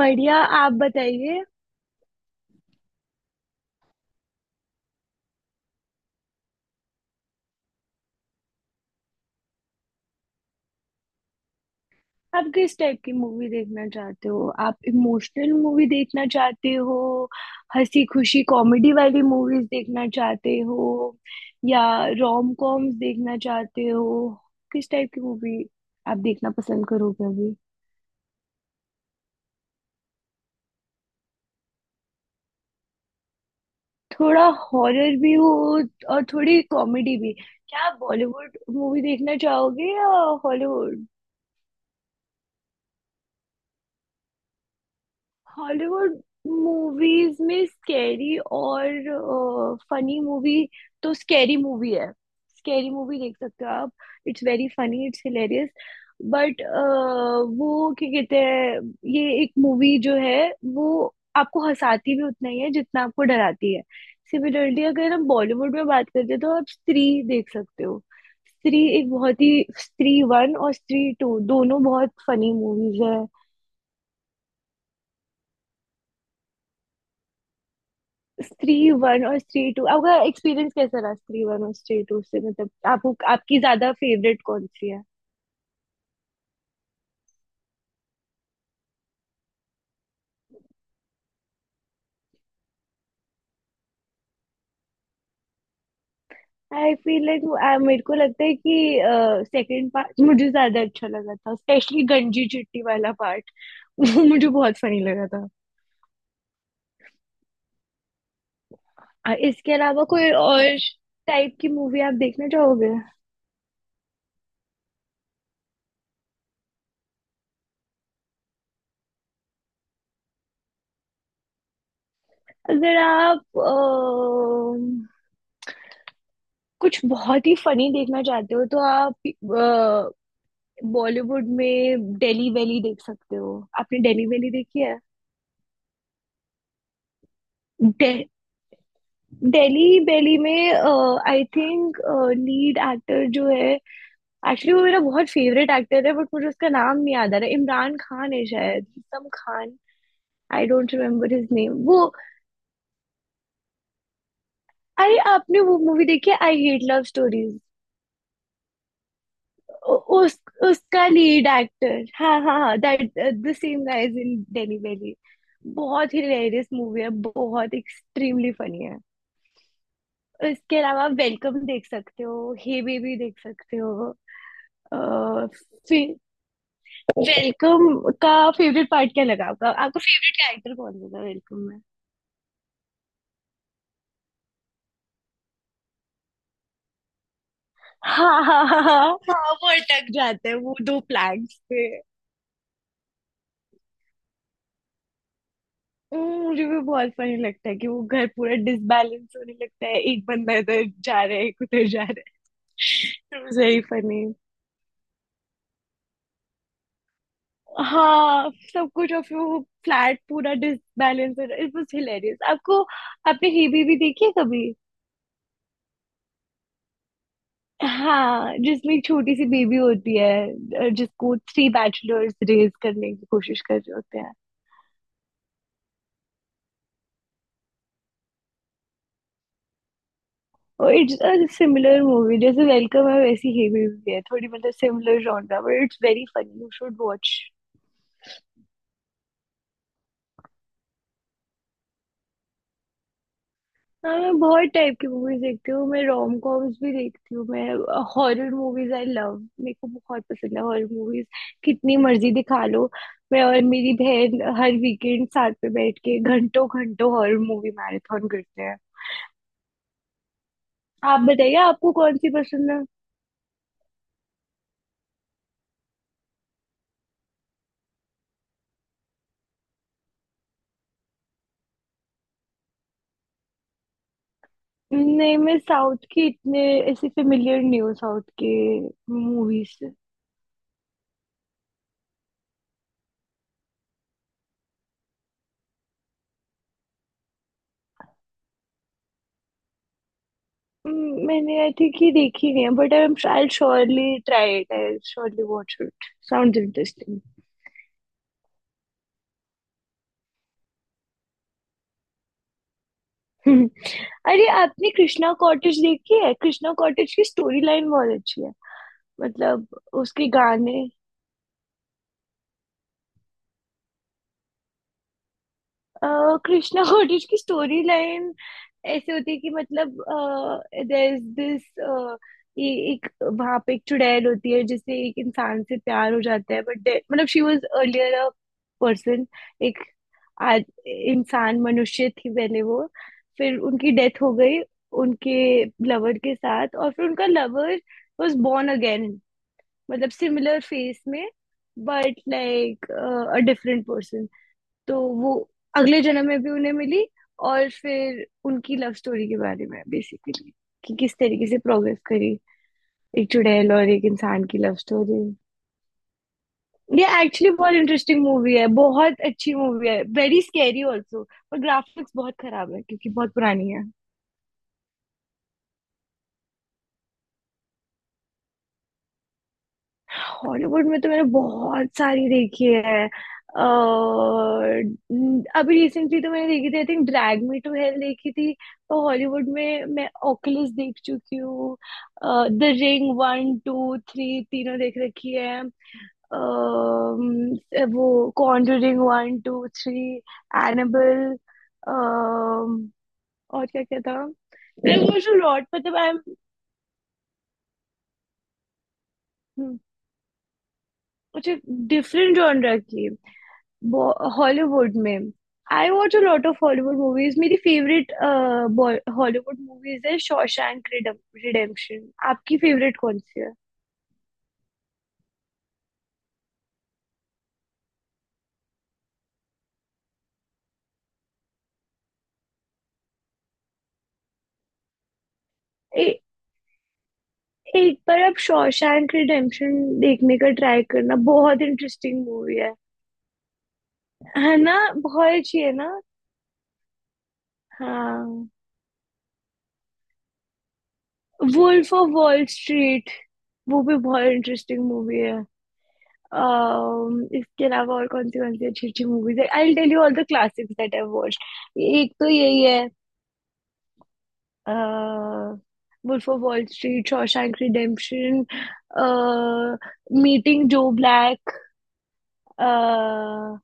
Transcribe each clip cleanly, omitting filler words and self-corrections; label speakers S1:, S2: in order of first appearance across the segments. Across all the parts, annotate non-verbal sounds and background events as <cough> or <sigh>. S1: बढ़िया। आप बताइए। आप किस टाइप की मूवी देखना चाहते हो? आप इमोशनल मूवी देखना चाहते हो? हंसी खुशी कॉमेडी वाली मूवीज देखना चाहते हो या रोम कॉम्स देखना चाहते हो? किस टाइप की मूवी आप देखना पसंद करोगे अभी? थोड़ा हॉरर भी हो और थोड़ी कॉमेडी भी। क्या आप बॉलीवुड मूवी देखना चाहोगे या हॉलीवुड? हॉलीवुड मूवीज में स्कैरी और फनी मूवी, तो स्कैरी मूवी है। स्कैरी मूवी देख सकते हो आप। It's very funny, it's hilarious. But वो क्या कहते हैं, ये एक मूवी जो है वो आपको हंसाती भी उतना ही है जितना आपको डराती है। सिमिलरली अगर हम बॉलीवुड में बात करते हैं तो आप स्त्री देख सकते हो। स्त्री एक बहुत ही स्त्री वन और स्त्री टू दोनों बहुत फनी मूवीज है। स्त्री वन और स्त्री टू, आपका एक्सपीरियंस कैसा रहा स्त्री वन और स्त्री टू से? मतलब, आपको आपकी ज्यादा फेवरेट कौन सी है? आई फील लाइक मेरे को लगता है कि सेकंड पार्ट मुझे ज्यादा अच्छा लगा था, स्पेशली गंजी चिट्टी वाला पार्ट। <laughs> वो मुझे बहुत फनी लगा था। इसके अलावा कोई और टाइप की मूवी आप देखना चाहोगे? अगर आप कुछ बहुत ही फनी देखना चाहते हो तो आप बॉलीवुड में डेली वैली देख सकते हो। आपने डेली वैली देखी है? डे, डेली वैली में आई थिंक लीड एक्टर जो है, एक्चुअली वो मेरा बहुत फेवरेट एक्टर है, बट मुझे उसका नाम नहीं याद आ रहा है। इमरान खान है शायद, some Khan, I don't remember his name वो। अरे, आपने वो मूवी देखी है आई हेट लव स्टोरीज? उस उसका लीड एक्टर, हाँ हाँ हाँ, that the same guys in Delhi Belly. बहुत ही हिलेरियस मूवी है, बहुत एक्सट्रीमली फनी है। इसके अलावा वेलकम देख सकते हो, हे बेबी देख सकते हो। अह, फिर वेलकम का फेवरेट पार्ट क्या लगा आपका आपका फेवरेट कैरेक्टर कौन लगा वेलकम में? हाँ हाँ हाँ हाँ हाँ, वो अटक जाते हैं वो दो प्लैंक्स पे। मुझे भी बहुत फनी लगता है कि वो घर पूरा डिसबैलेंस होने लगता है, एक बंदा इधर जा रहा है एक उधर जा रहा है। <laughs> Very funny. हाँ सब कुछ, और फिर वो फ्लैट पूरा डिसबैलेंस हो रहा है, इट वाज हिलेरियस। आपको, आपने हेबी भी देखी है कभी? हाँ, जिसमें छोटी सी बेबी होती है जिसको थ्री बैचलर्स रेज करने की कोशिश कर रहे होते हैं। और इट्स अ सिमिलर मूवी, जैसे वेलकम है वैसी ही मूवी है थोड़ी, मतलब similar genre, but it's very funny, you should watch. हाँ, मैं बहुत टाइप की मूवीज देखती हूँ, मैं रोम कॉम्स भी देखती हूँ, मैं हॉरर मूवीज आई लव, मेरे को बहुत पसंद है हॉरर मूवीज। कितनी मर्जी दिखा लो। मैं और मेरी बहन हर वीकेंड साथ में बैठ के घंटों घंटों हॉरर मूवी मैराथन करते हैं। आप बताइए, आपको कौन सी पसंद है? नहीं, मैं साउथ की इतने ऐसे फेमिलियर नहीं हूँ, साउथ के मूवीज से। मैंने आई थिंक ये देखी नहीं है, but I surely try it, I surely watch it. Sound interesting. <laughs> अरे, आपने कृष्णा कॉटेज देखी है? कृष्णा कॉटेज की स्टोरी लाइन बहुत अच्छी है, मतलब उसके गाने। कृष्णा कोटेज की स्टोरी लाइन ऐसे होती है कि, मतलब, देयर इज दिस, ये एक वहां पे एक चुड़ैल होती है जिससे एक इंसान से प्यार हो जाता है, बट मतलब she was earlier a person. एक आज इंसान मनुष्य थी पहले वो, फिर उनकी डेथ हो गई उनके लवर के साथ, और फिर उनका लवर वाज बोर्न अगेन, मतलब सिमिलर फेस में, but like a different person. तो वो अगले जन्म में भी उन्हें मिली, और फिर उनकी लव स्टोरी के बारे में, बेसिकली कि किस तरीके से प्रोग्रेस करी, एक चुड़ैल और एक इंसान की लव स्टोरी। ये एक्चुअली बहुत इंटरेस्टिंग मूवी है, बहुत अच्छी मूवी है, वेरी स्कैरी ऑल्सो। पर ग्राफिक्स बहुत खराब है, क्योंकि बहुत पुरानी है। हॉलीवुड में तो मैंने बहुत सारी देखी है, और अभी रिसेंटली तो मैंने देखी थी I think, Drag Me to Hell देखी थी। तो हॉलीवुड में मैं ओकुलस देख चुकी हूँ। The Ring one two three तीनों देख रखी है। वो Conjuring one two three, Annabelle, और क्या क्या था, मैं वो जो लॉट, मतलब आई एम। मुझे डिफरेंट जॉनर की हॉलीवुड में, I watch a lot of Hollywood movies. मेरी फेवरेट हॉलीवुड मूवीज है शॉशैंक रिडेम्पशन। आपकी फेवरेट कौन सी है? ए, एक बार आप शॉशैंक रिडेम्पशन देखने का ट्राई करना, बहुत इंटरेस्टिंग मूवी है। है ना? बहुत अच्छी है ना? हाँ। वुल्फ ऑफ वॉल स्ट्रीट, वो भी बहुत इंटरेस्टिंग मूवी है। इसके अलावा और कौन सी अच्छी अच्छी मूवीज है, I tell you all the classics that I watched. एक तो यही है, uh, Wolf of Wall Street, Shawshank Redemption, uh, Meeting Joe Black, uh,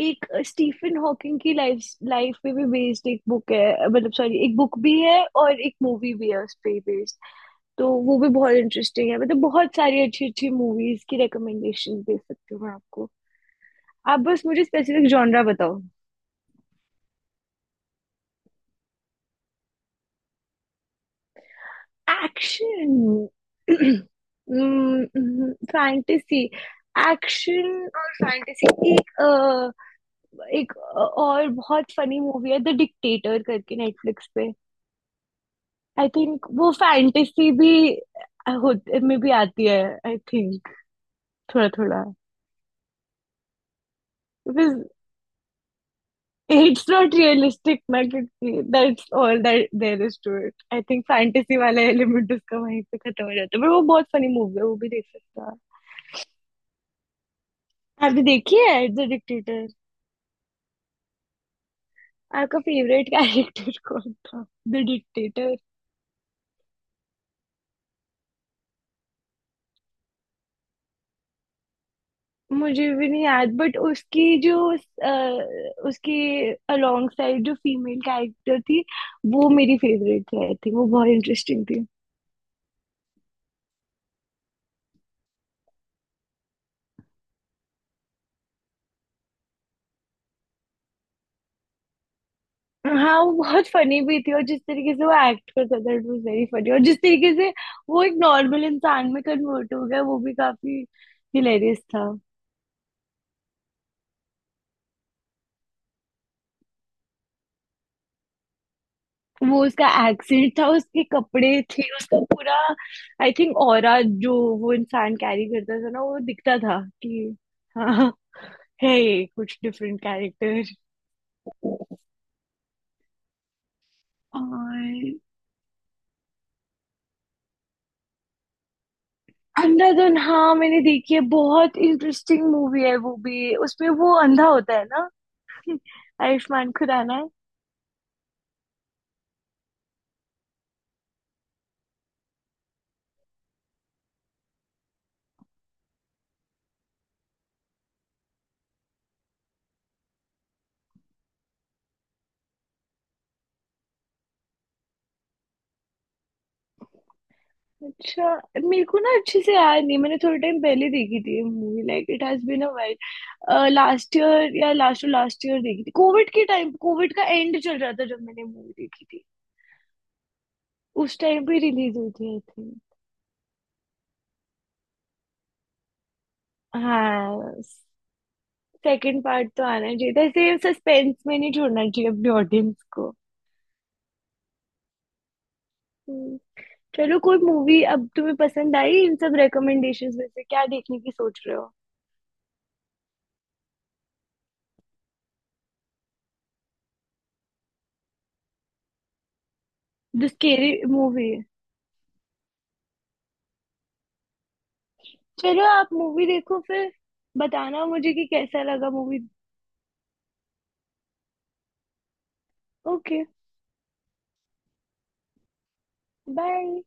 S1: एक स्टीफन हॉकिंग की लाइफ लाइफ पे भी बेस्ड एक बुक है, मतलब सॉरी, एक बुक भी है और एक मूवी भी है उस पे बेस्ड। तो वो भी बहुत इंटरेस्टिंग है, मतलब बहुत सारी अच्छी अच्छी मूवीज की रिकमेंडेशन दे सकती हूँ मैं आपको। आप बस मुझे स्पेसिफिक जॉनरा बताओ। Action, fantasy. एक्शन <clears throat> और फैंटेसी, और बहुत फनी मूवी है द डिक्टेटर करके नेटफ्लिक्स पे। आई थिंक वो फैंटेसी भी होते में भी आती है, आई थिंक, थोड़ा थोड़ा। बिकॉज इट्स नॉट रियलिस्टिक ना, क्योंकि that's all that there is to it. I think fantasy वाला एलिमेंट उसका वहीं पे खत्म हो जाता है, पर वो बहुत फनी मूवी है, वो भी देख सकता है। आपने देखी है द डिक्टेटर? आपका फेवरेट कैरेक्टर <laughs> कौन था द डिक्टेटर? मुझे भी नहीं याद, बट उसकी जो उसके अलोंग साइड जो फीमेल कैरेक्टर थी, वो मेरी फेवरेट थी आई थिंक, वो बहुत इंटरेस्टिंग थी। हाँ, वो बहुत फनी भी थी, और जिस तरीके से वो एक्ट करता था इट वाज वेरी फनी, और जिस तरीके से वो एक नॉर्मल इंसान में कन्वर्ट हो गया, वो भी काफी हिलेरियस था। वो उसका एक्सेंट था, उसके कपड़े थे, उसका पूरा आई थिंक ऑरा जो वो इंसान कैरी करता था ना, वो दिखता था कि हाँ, है ये कुछ डिफरेंट कैरेक्टर। और अंधाधुन, हाँ मैंने देखी है, बहुत इंटरेस्टिंग मूवी है वो भी, उसमें वो अंधा होता है ना। <laughs> आयुष्मान खुराना। अच्छा, मेरे को ना अच्छे से याद नहीं, मैंने थोड़े टाइम पहले देखी थी movie, like it has been a while, last year या लास्ट लास्ट ईयर देखी थी, कोविड के टाइम, कोविड का एंड चल रहा था जब मैंने मूवी देखी थी। उस टाइम पे रिलीज हुई थी आई थिंक। हाँ, सेकंड पार्ट तो आना चाहिए था, ऐसे सस्पेंस में नहीं छोड़ना चाहिए अपने ऑडियंस को। हम्म, चलो, कोई मूवी अब तुम्हें पसंद आई इन सब रिकमेंडेशंस में से, क्या देखने की सोच रहे हो? The scary movie? चलो, आप मूवी देखो फिर, बताना मुझे कि कैसा लगा मूवी। Okay, bye.